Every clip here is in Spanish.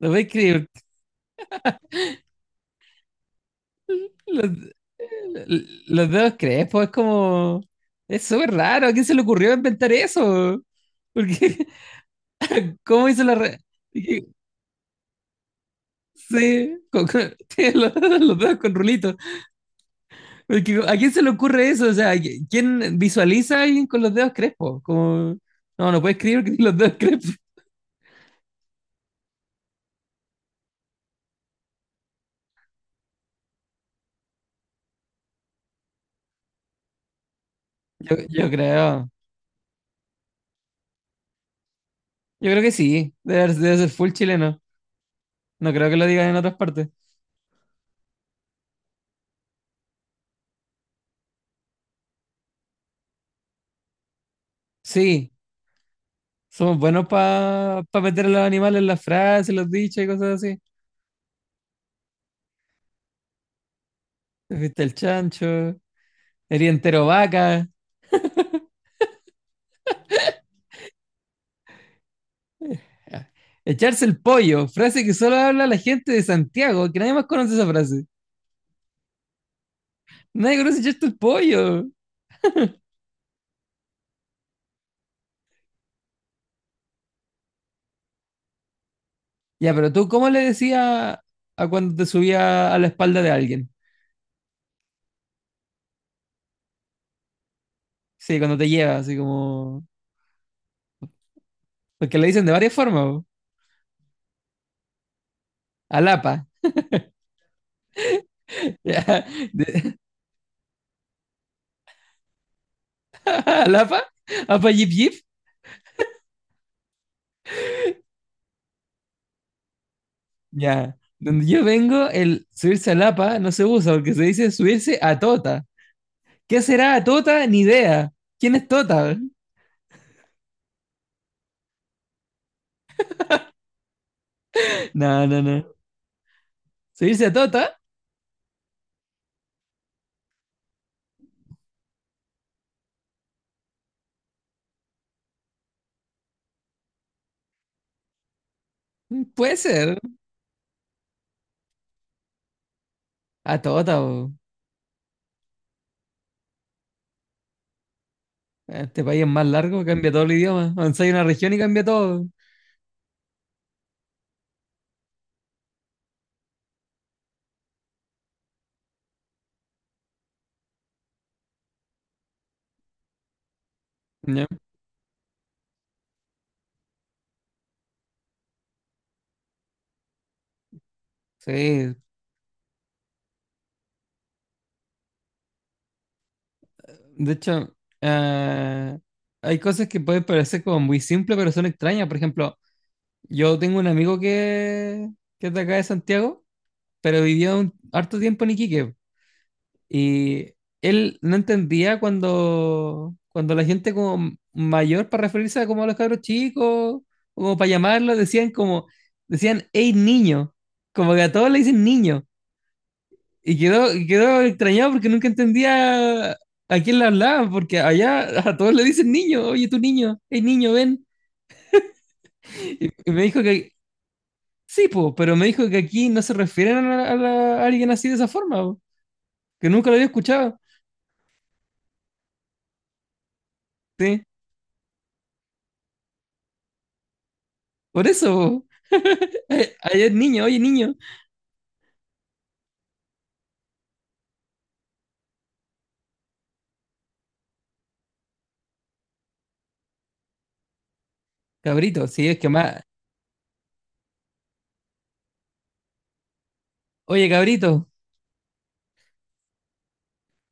No voy a creer. Los, los dedos crespos, es como. Es súper raro. ¿A quién se le ocurrió inventar eso? Porque, ¿Cómo hizo la. Sí, tiene los dedos con rulitos. Porque, ¿a quién se le ocurre eso? O sea, ¿quién visualiza a alguien con los dedos crespos? Como. No, no puedes escribir que tiene los dedos crespos. Yo, yo creo. Yo creo que sí. Debe ser full chileno. No creo que lo digan en otras partes. Sí. Somos buenos para meter a los animales en las frases, los dichos y cosas así. Te fuiste el chancho, eres entero vaca. Echarse el pollo, frase que solo habla la gente de Santiago, que nadie más conoce esa frase. Nadie conoce echarse el pollo. Ya, pero tú, ¿cómo le decías a cuando te subía a la espalda de alguien? Sí, cuando te lleva, así como. Porque le dicen de varias formas, po. Alapa. Ya, de- Alapa, apa yip yip. Ya, donde yo vengo, el subirse a Lapa no se usa porque se dice subirse a Tota. ¿Qué será a Tota? Ni idea. ¿Quién es Tota? No, no, no. ¿Subirse a Tota? Mm, puede ser. A Tota, po. Este país es más largo, cambia todo el idioma. Avanza una región y cambia todo. Ya. Sí. De hecho, ah, hay cosas que pueden parecer como muy simples, pero son extrañas. Por ejemplo, yo tengo un amigo que es de acá de Santiago, pero vivió un harto tiempo en Iquique. Y él no entendía cuando la gente como mayor, para referirse a como a los cabros chicos, como para llamarlo, decían, hey niño, como que a todos le dicen niño. Y quedó extrañado porque nunca entendía a quién le hablaban, porque allá a todos le dicen niño, oye tú niño, hey niño, ven. Y me dijo que, sí, po, pero me dijo que aquí no se refieren a, a alguien así de esa forma, po, que nunca lo había escuchado. Sí, por eso. Po. Hay un niño, oye niño, cabrito, sí, es que más, oye cabrito,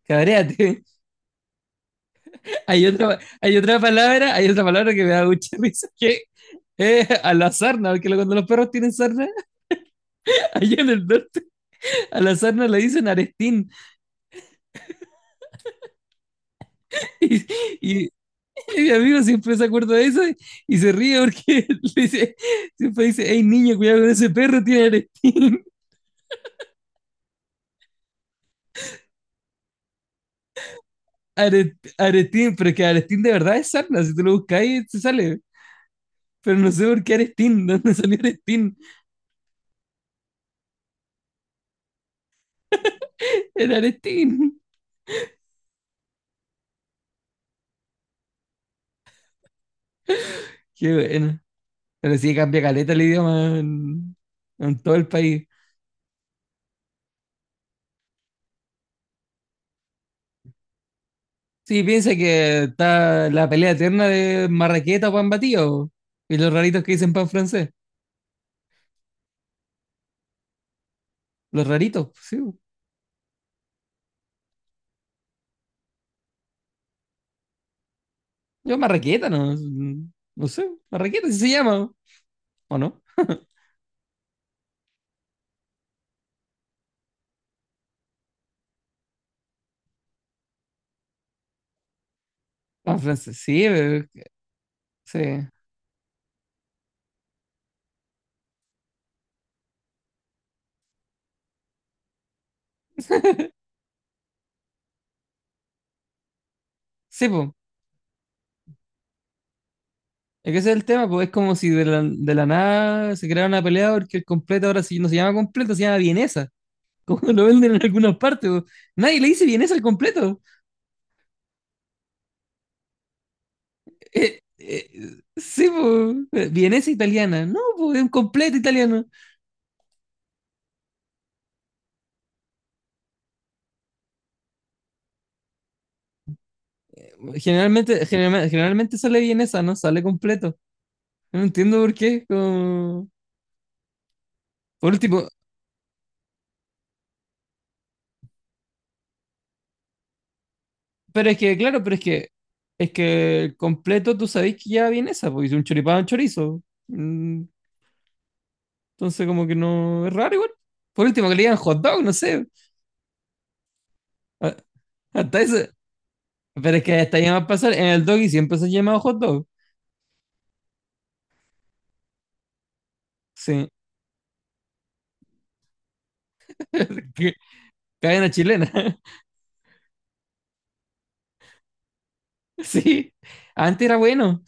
cabréate. Hay otra palabra que me da mucha risa, que es a la sarna, porque cuando los perros tienen sarna, allá en el norte, a la sarna le dicen arestín. Y, y- y mi amigo siempre se acuerda de eso y se ríe porque le dice, siempre dice, hey niño, cuidado con ese perro, tiene arestín. Arestín, pero es que arestín de verdad es sarna, si tú lo buscas ahí, te sale. Pero no sé por qué arestín, ¿de dónde salió arestín? En Arestín. Qué bueno. Pero sí cambia caleta el idioma en todo el país. Sí, piensa que está la pelea eterna de marraqueta o pan batido. Y los raritos que dicen pan francés. Los raritos, sí. Yo marraqueta, no, no sé. Marraqueta sí se llama, ¿o no? Pan francés, sí, sí. Sí, pues. Es que ese es el tema, pues es como si de la nada se creara una pelea porque el completo ahora sí no se llama completo, se llama vienesa. Como lo venden en algunas partes, po. Nadie le dice vienesa al completo. Eh, eh, sí, po. Eh, vienesa italiana, no, po, es un completo italiano. Generalmente sale vienesa, no sale completo. No entiendo por qué. Por último, pero es que, claro, pero es que el completo tú sabés que ya vienesa, porque es un choripán un chorizo. Mm, entonces, como que no es raro igual. Por último, que le digan hot dog, no sé. A- Hasta eso. Pero es que hasta llama a pasar. En el doggy siempre se ha llamado hot dog. Sí. Que- Cadena chilena. Sí, antes era bueno.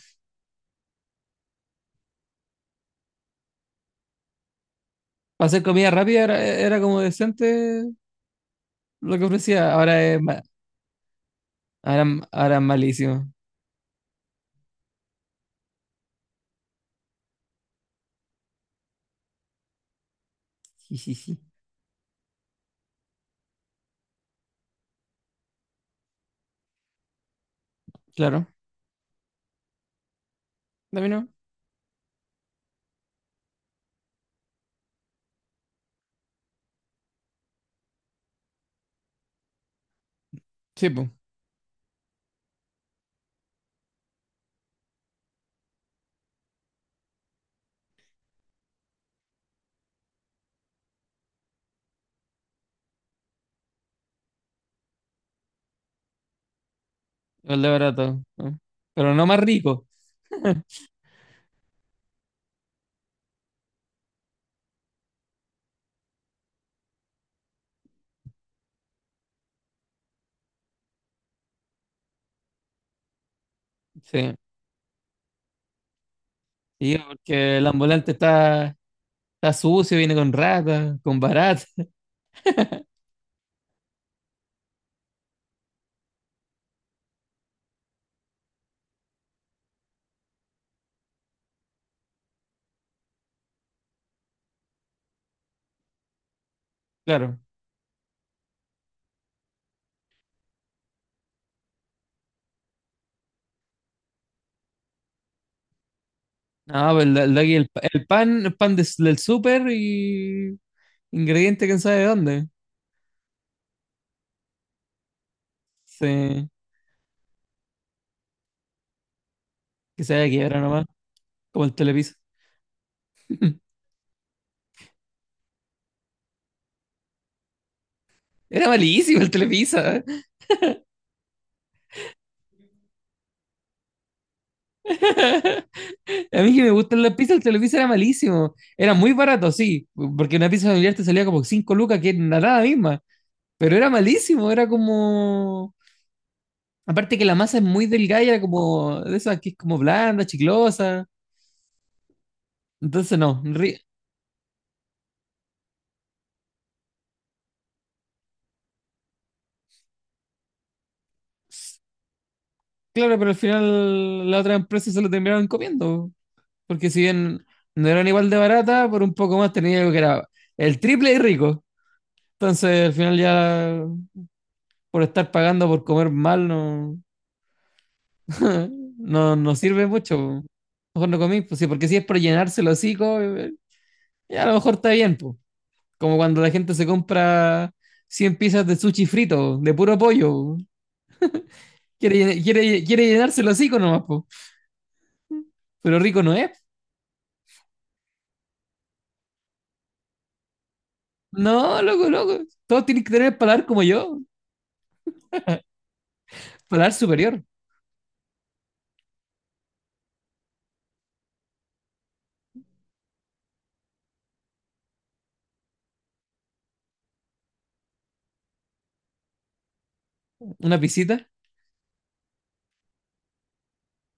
Para hacer comida rápida era como decente lo que ofrecía. Ahora es ahora, ahora es malísimo. Sí, sí, sí. Claro, también no. Sí, pues, el de barato. ¿No? Pero no más rico. Sí, sí, porque el ambulante está sucio, viene con ratas, con baratas. Claro. No, pues el de aquí, el, el pan del súper y ingrediente quién sabe de dónde. Sí, que se vaya a quiebra nomás, como el Telepizza. Era malísimo el Telepizza. A mí que me gustan las pizzas, el Telepizza era malísimo. Era muy barato, sí, porque una pizza familiar te salía como 5 lucas, que era nada misma. Pero era malísimo, era como. Aparte que la masa es muy delgada, y era como de esas que es como blanda, chiclosa. Entonces, no. ri- Claro, pero al final la otra empresa se lo terminaron comiendo. Porque si bien no eran igual de barata, por un poco más tenía algo que era el triple y rico. Entonces, al final ya por estar pagando por comer mal, no, no, no sirve mucho. Po. Mejor no comí, pues sí, porque si es por llenarse el hocico, ya a lo mejor está bien, pues. Como cuando la gente se compra 100 piezas de sushi frito, de puro pollo. Po. Quiere llenarse el hocico nomás, pues. Pero rico no es. No, loco, loco. Todos tienen que tener el paladar como yo. Paladar superior. Una pisita,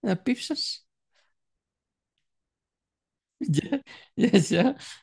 unas pizzas. Ya, ya, ya.